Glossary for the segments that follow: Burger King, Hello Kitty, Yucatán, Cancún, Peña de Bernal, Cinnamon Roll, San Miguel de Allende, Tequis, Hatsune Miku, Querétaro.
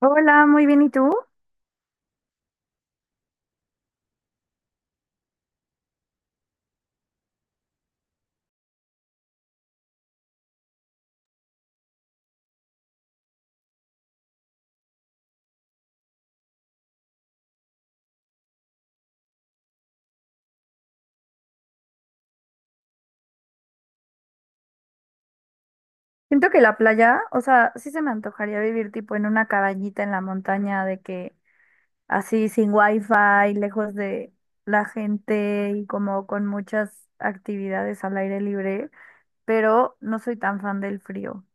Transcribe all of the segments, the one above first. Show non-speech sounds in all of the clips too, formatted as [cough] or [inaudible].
Hola, muy bien, ¿y tú? Siento que la playa, o sea, sí se me antojaría vivir tipo en una cabañita en la montaña, de que así sin wifi, lejos de la gente y como con muchas actividades al aire libre, pero no soy tan fan del frío.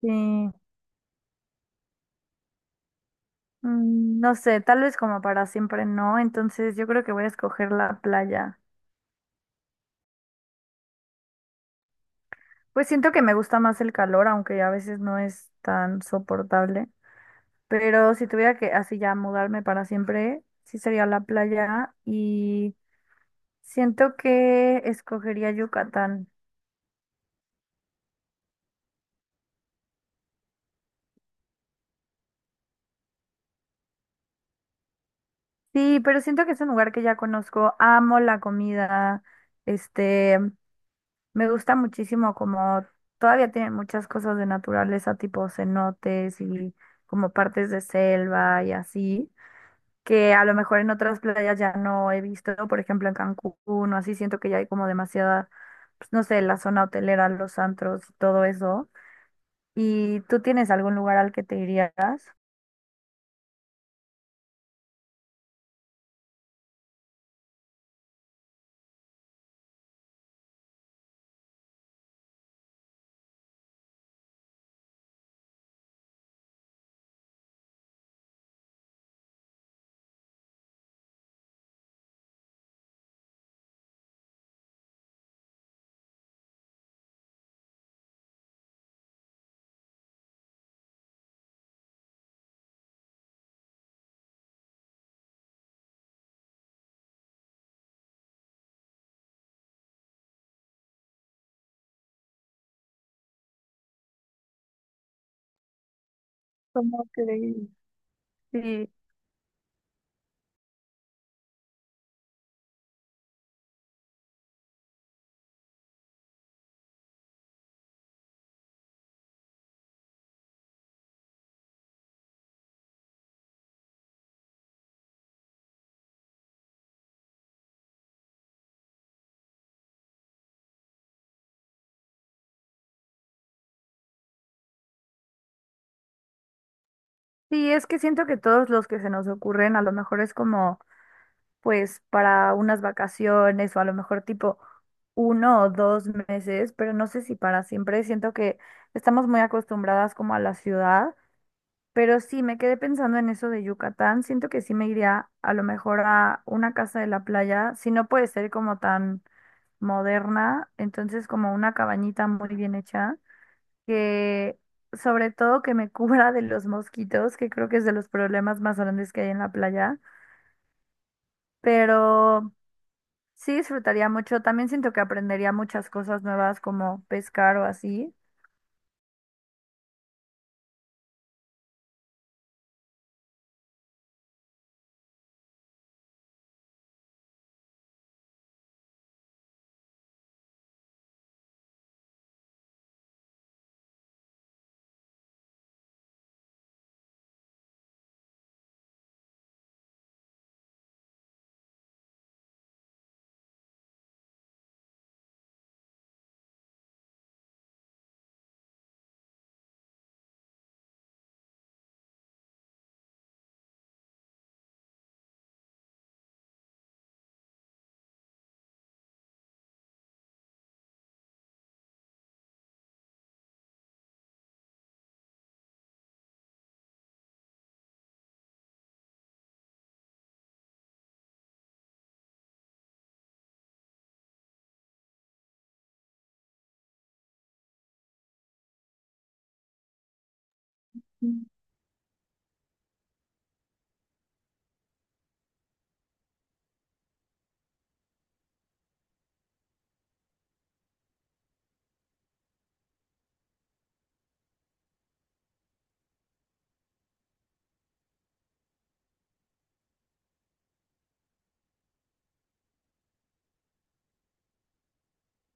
Sí, mm, no sé, tal vez como para siempre no, entonces yo creo que voy a escoger la playa. Pues siento que me gusta más el calor, aunque a veces no es tan soportable. Pero si tuviera que así ya mudarme para siempre, sí sería la playa y siento que escogería Yucatán. Sí, pero siento que es un lugar que ya conozco, amo la comida, este, me gusta muchísimo como todavía tienen muchas cosas de naturaleza, tipo cenotes y como partes de selva y así, que a lo mejor en otras playas ya no he visto. Por ejemplo en Cancún o así, siento que ya hay como demasiada, pues, no sé, la zona hotelera, los antros, todo eso. ¿Y tú tienes algún lugar al que te irías? ¿Cómo creí? Sí, sí, es que siento que todos los que se nos ocurren a lo mejor es como, pues, para unas vacaciones o a lo mejor tipo uno o dos meses, pero no sé si para siempre. Siento que estamos muy acostumbradas como a la ciudad. Pero sí, me quedé pensando en eso de Yucatán. Siento que sí me iría a lo mejor a una casa de la playa, si no puede ser como tan moderna, entonces como una cabañita muy bien hecha, que sobre todo que me [laughs] cubra de los mosquitos, que creo que es de los problemas más grandes que hay en la playa, pero sí disfrutaría mucho. También siento que aprendería muchas cosas nuevas como pescar o así.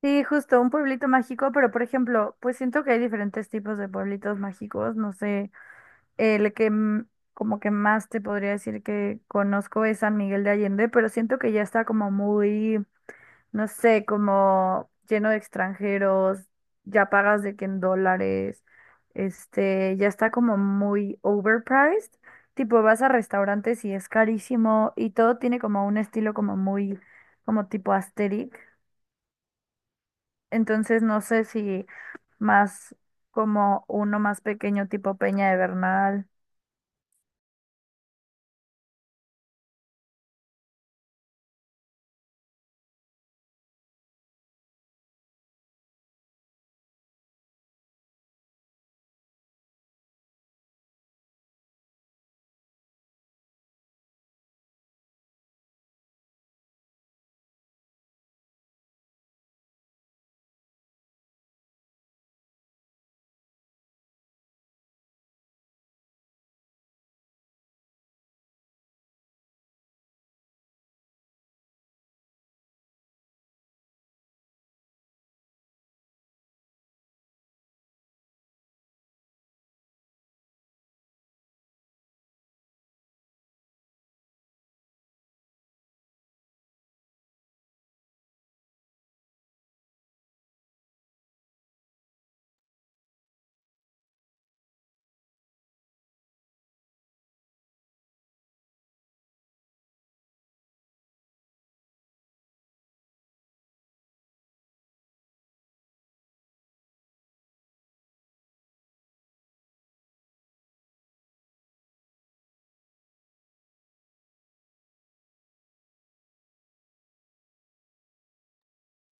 Sí, justo, un pueblito mágico, pero por ejemplo, pues siento que hay diferentes tipos de pueblitos mágicos, no sé, el que como que más te podría decir que conozco es San Miguel de Allende, pero siento que ya está como muy, no sé, como lleno de extranjeros, ya pagas de que en dólares, ya está como muy overpriced, tipo vas a restaurantes y es carísimo y todo tiene como un estilo como muy, como tipo asteric, entonces no sé si más como uno más pequeño tipo Peña de Bernal.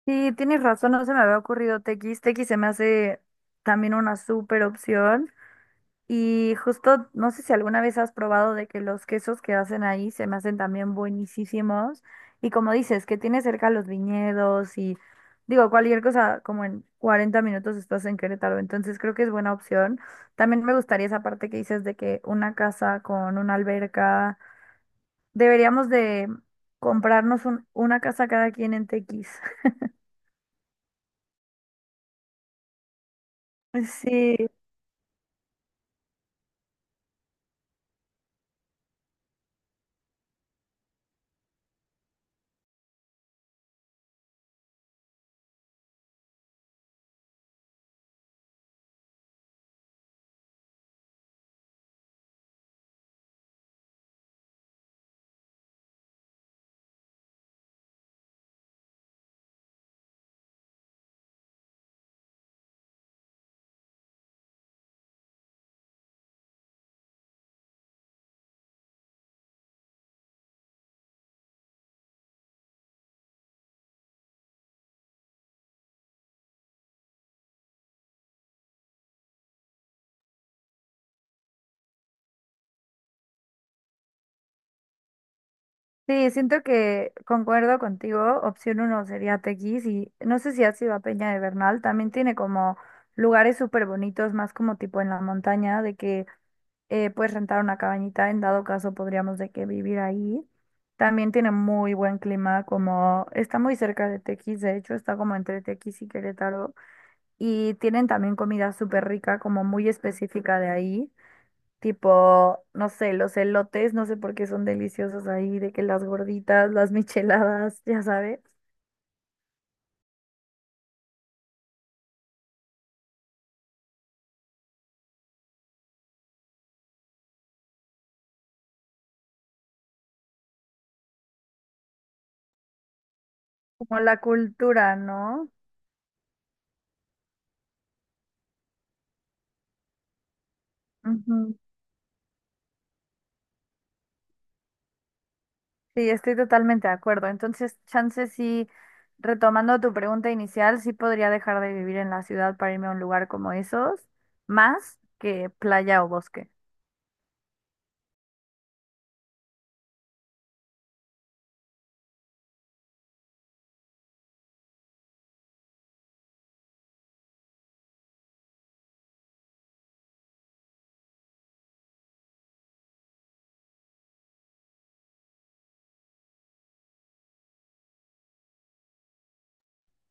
Sí, tienes razón, no se me había ocurrido TX. TX se me hace también una súper opción. Y justo, no sé si alguna vez has probado de que los quesos que hacen ahí se me hacen también buenísimos. Y como dices, que tiene cerca los viñedos y digo, cualquier cosa, como en 40 minutos estás en Querétaro. Entonces creo que es buena opción. También me gustaría esa parte que dices de que una casa con una alberca. Deberíamos de comprarnos una casa cada quien en Tequis. [laughs] Sí, sí, siento que concuerdo contigo. Opción uno sería Tequis y no sé si has ido a Peña de Bernal. También tiene como lugares súper bonitos, más como tipo en la montaña, de que puedes rentar una cabañita. En dado caso, podríamos de que vivir ahí. También tiene muy buen clima, como está muy cerca de Tequis. De hecho, está como entre Tequis y Querétaro. Y tienen también comida súper rica, como muy específica de ahí. Tipo, no sé, los elotes, no sé por qué son deliciosos ahí, de que las gorditas, las [laughs] micheladas, ya sabes. Como la cultura, ¿no? Ujú. Sí, estoy totalmente de acuerdo. Entonces, chance sí, retomando tu pregunta inicial, sí podría dejar de vivir en la ciudad para irme a un lugar como esos, más que playa o bosque.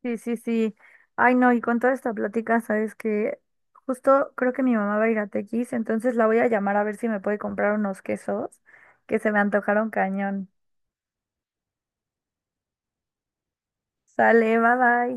Sí, sí, sí. Ay, no, y con toda esta plática, sabes que justo creo que mi mamá va a ir a Tequis, entonces la voy a llamar a ver si me puede comprar unos quesos que se me antojaron cañón. Sale, bye bye.